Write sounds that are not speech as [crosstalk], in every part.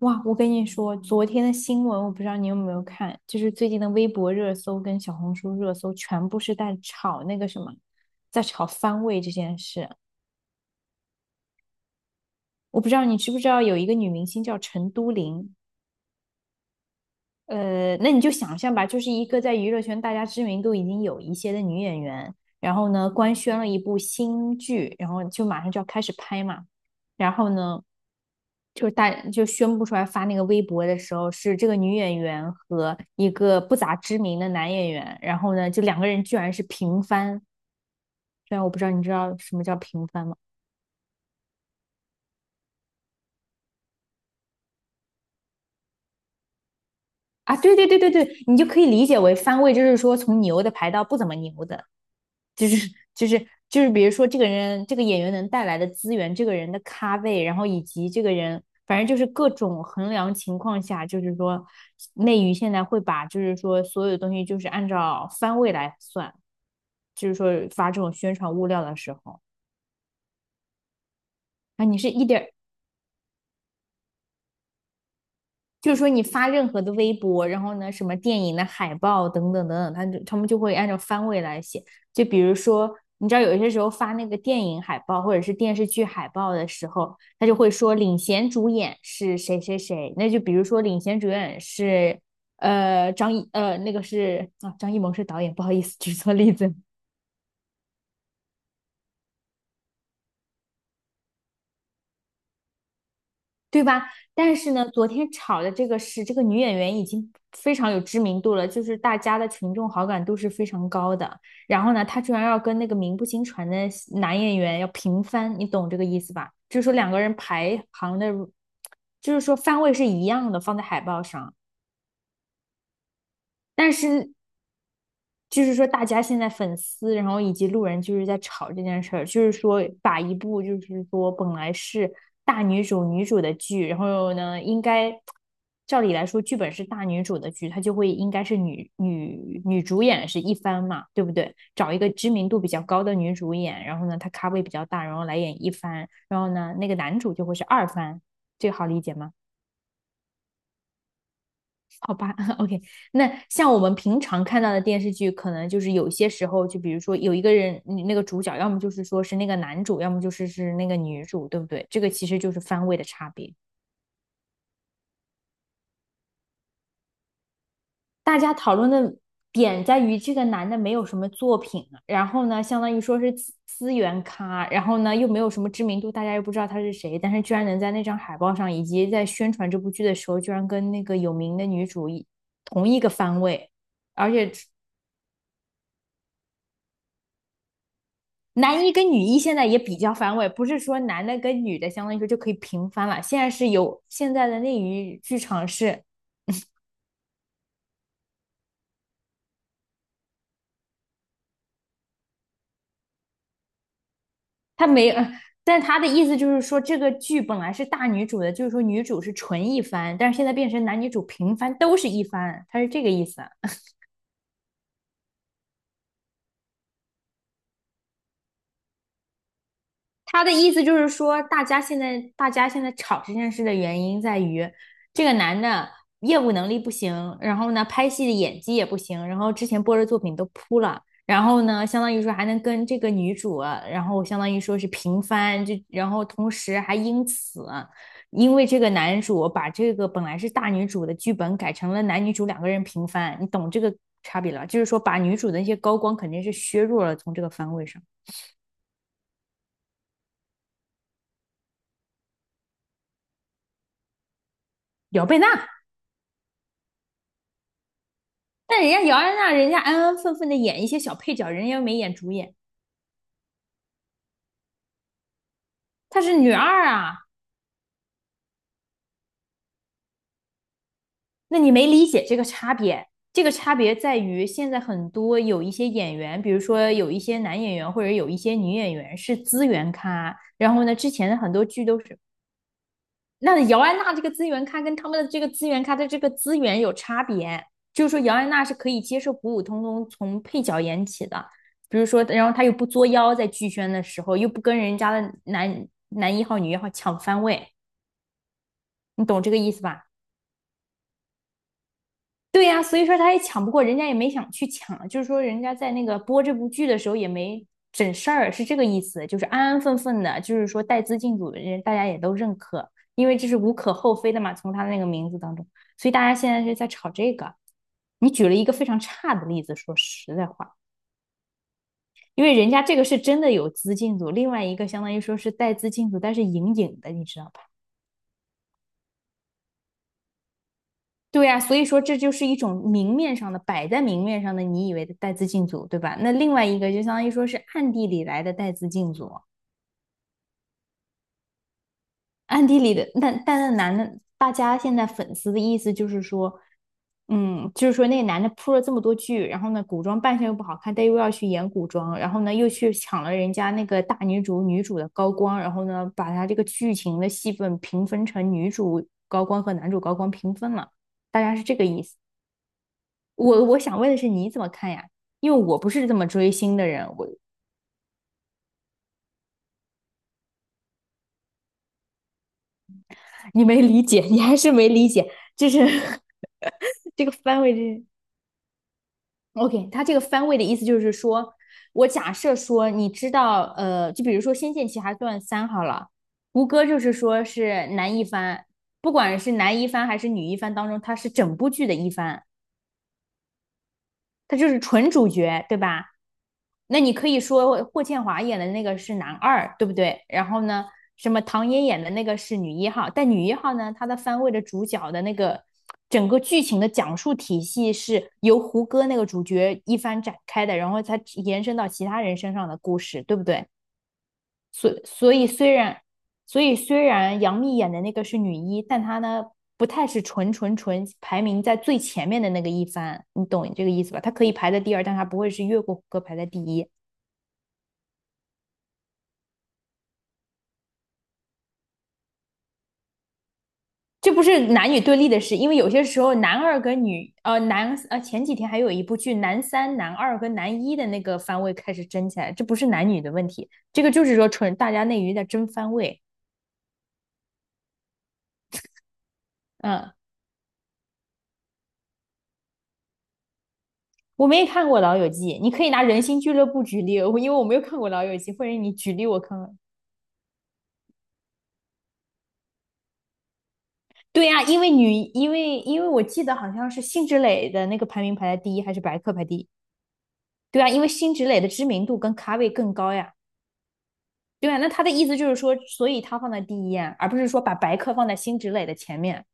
哇，我跟你说，昨天的新闻我不知道你有没有看，就是最近的微博热搜跟小红书热搜全部是在炒那个什么，在炒番位这件事。我不知道你知不知道有一个女明星叫陈都灵，那你就想象吧，就是一个在娱乐圈大家知名度已经有一些的女演员，然后呢官宣了一部新剧，然后就马上就要开始拍嘛，然后呢。就是大就宣布出来发那个微博的时候，是这个女演员和一个不咋知名的男演员，然后呢，就两个人居然是平番。虽然我不知道你知道什么叫平番吗？啊，对对对对对，你就可以理解为番位，就是说从牛的排到不怎么牛的。就是就是，比如说这个人这个演员能带来的资源，这个人的咖位，然后以及这个人，反正就是各种衡量情况下，就是说内娱现在会把就是说所有的东西就是按照番位来算，就是说发这种宣传物料的时候，啊，你是一点就是说你发任何的微博，然后呢，什么电影的海报等等等等，他们就会按照番位来写。就比如说，你知道有些时候发那个电影海报或者是电视剧海报的时候，他就会说领衔主演是谁谁谁。那就比如说领衔主演是张艺谋是导演，不好意思举错例子。对吧？但是呢，昨天炒的这个是这个女演员已经非常有知名度了，就是大家的群众好感度是非常高的。然后呢，她居然要跟那个名不经传的男演员要平番，你懂这个意思吧？就是说两个人排行的，就是说番位是一样的，放在海报上。但是就是说大家现在粉丝，然后以及路人就是在吵这件事儿，就是说把一部就是说本来是大女主女主的剧，然后呢应该照理来说剧本是大女主的剧，它就会应该是女主演是一番嘛，对不对？找一个知名度比较高的女主演，然后呢她咖位比较大，然后来演一番，然后呢那个男主就会是二番，这个好理解吗？好吧 [laughs]，OK，那像我们平常看到的电视剧，可能就是有些时候，就比如说有一个人，你那个主角，要么就是说是那个男主，要么是那个女主，对不对？这个其实就是番位的差别。大家讨论的点在于这个男的没有什么作品，然后呢，相当于说是资源咖，然后呢又没有什么知名度，大家又不知道他是谁，但是居然能在那张海报上，以及在宣传这部剧的时候，居然跟那个有名的女主同一个番位。而且男一跟女一现在也比较反尾，不是说男的跟女的相当于说就可以平翻了。现在是有现在的内娱剧场是，他没，[laughs] 但他的意思就是说这个剧本来是大女主的，就是说女主是纯一番，但是现在变成男女主平翻都是一番，他是这个意思。他的意思就是说，大家现在吵这件事的原因在于，这个男的业务能力不行，然后呢，拍戏的演技也不行，然后之前播的作品都扑了，然后呢，相当于说还能跟这个女主，然后相当于说是平番，就然后同时还因此，因为这个男主把这个本来是大女主的剧本改成了男女主两个人平番，你懂这个差别了？就是说把女主的那些高光肯定是削弱了从这个番位上。姚贝娜。但人家姚安娜，人家安安分分的演一些小配角，人家又没演主演，她是女二啊。那你没理解这个差别？这个差别在于现在很多有一些演员，比如说有一些男演员或者有一些女演员是资源咖，然后呢，之前的很多剧都是那姚安娜这个资源咖跟他们的这个资源咖的这个资源有差别，就是说姚安娜是可以接受普普通通从配角演起的，比如说，然后她又不作妖，在剧宣的时候又不跟人家的男一号、女一号抢番位，你懂这个意思吧？对呀，所以说他也抢不过，人家也没想去抢，就是说人家在那个播这部剧的时候也没整事儿，是这个意思，就是安安分分的，就是说带资进组的人大家也都认可，因为这是无可厚非的嘛，从他的那个名字当中，所以大家现在是在炒这个。你举了一个非常差的例子，说实在话，因为人家这个是真的有资进组，另外一个相当于说是带资进组，但是隐隐的，你知道吧？对呀，所以说这就是一种明面上的，摆在明面上的，你以为的带资进组，对吧？那另外一个就相当于说是暗地里来的带资进组，暗地里的。那但那男的，大家现在粉丝的意思就是说，嗯，就是说那个男的铺了这么多剧，然后呢，古装扮相又不好看，但又要去演古装，然后呢又去抢了人家那个大女主女主的高光，然后呢把他这个剧情的戏份平分成女主高光和男主高光平分了，大家是这个意思。我想问的是你怎么看呀？因为我不是这么追星的人，你没理解，你还是没理解，就是 [laughs] 这个番位OK，他这个番位的意思就是说，我假设说你知道，就比如说《仙剑奇侠传三》好了，胡歌就是说是男一番，不管是男一番还是女一番当中，他是整部剧的一番。他就是纯主角，对吧？那你可以说霍建华演的那个是男二，对不对？然后呢，什么唐嫣演的那个是女一号，但女一号呢，她的番位的主角的那个整个剧情的讲述体系是由胡歌那个主角一番展开的，然后才延伸到其他人身上的故事，对不对？所所以虽然所以虽然杨幂演的那个是女一，但她呢不太是纯排名在最前面的那个一番，你懂这个意思吧？她可以排在第二，但她不会是越过胡歌排在第一。这不是男女对立的事，因为有些时候男二跟女男前几天还有一部剧男三、男二跟男一的那个番位开始争起来，这不是男女的问题，这个就是说纯大家内娱在争番位，嗯。我没看过《老友记》，你可以拿《人心俱乐部》举例，我因为我没有看过《老友记》，或者你举例我看看。对呀、因为我记得好像是辛芷蕾的那个排名排在第一，还是白客排第一？对啊，因为辛芷蕾的知名度跟咖位更高呀。对啊，那他的意思就是说，所以他放在第一呀，而不是说把白客放在辛芷蕾的前面。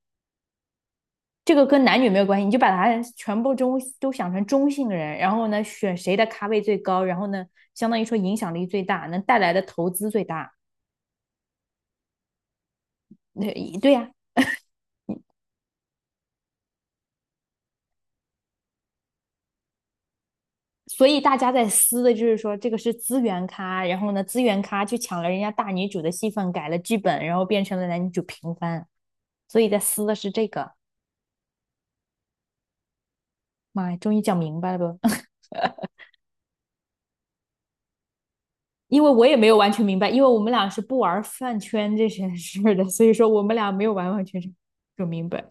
这个跟男女没有关系，你就把他全部中都想成中性人，然后呢，选谁的咖位最高，然后呢，相当于说影响力最大，能带来的投资最大。对对呀、所以大家在撕的就是说，这个是资源咖，然后呢，资源咖去抢了人家大女主的戏份，改了剧本，然后变成了男女主平番，所以在撕的是这个。妈呀，终于讲明白了吧？[laughs] 因为我也没有完全明白，因为我们俩是不玩饭圈这些事儿的，所以说我们俩没有完完全全整明白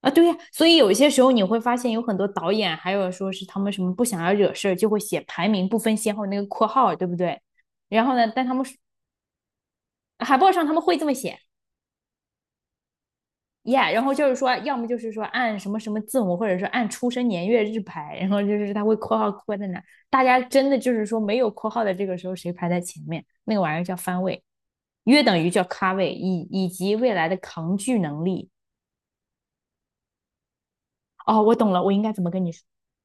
啊。对呀，啊所以有些时候你会发现，有很多导演还有说是他们什么不想要惹事儿，就会写排名不分先后那个括号，对不对？然后呢，但他们海报上他们会这么写。，yeah，然后就是说，要么就是说按什么什么字母，或者说按出生年月日排，然后就是他会括号括在哪。大家真的就是说没有括号的这个时候，谁排在前面，那个玩意儿叫番位，约等于叫咖位，以及未来的扛巨能力。哦，我懂了，我应该怎么跟你说？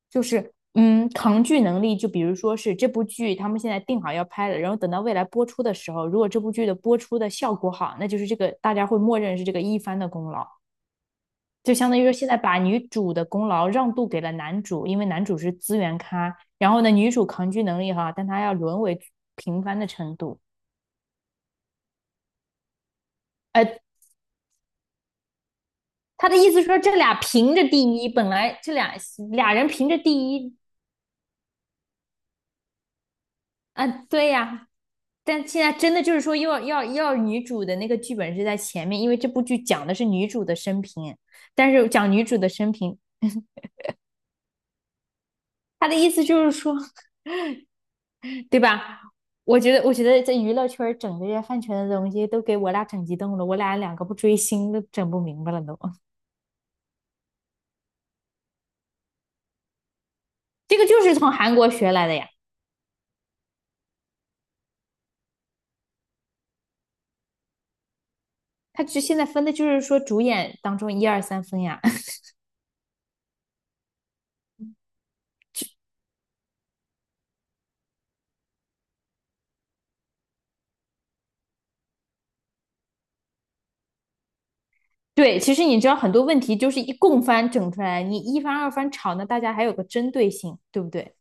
就是扛剧能力，就比如说是这部剧他们现在定好要拍了，然后等到未来播出的时候，如果这部剧的播出的效果好，那就是这个大家会默认是这个一番的功劳；就相当于说现在把女主的功劳让渡给了男主，因为男主是资源咖，然后呢，女主抗拒能力哈，但她要沦为平凡的程度。呃，他的意思说这俩凭着第一，本来这俩人凭着第一啊，对呀，但现在真的就是说要女主的那个剧本是在前面，因为这部剧讲的是女主的生平，但是讲女主的生平，他的意思就是说。对吧？我觉得，我觉得这娱乐圈儿整这些饭圈的东西都给我俩整激动了，我俩两个不追星都整不明白了都。[laughs] 这个就是从韩国学来的呀，他只现在分的就是说主演当中一二三分呀。[laughs] 对，其实你知道很多问题就是一共番整出来，你一番二番吵呢，大家还有个针对性，对不对？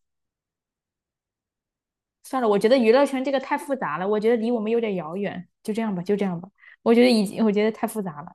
算了，我觉得娱乐圈这个太复杂了，我觉得离我们有点遥远，就这样吧，就这样吧，我觉得已经，我觉得太复杂了。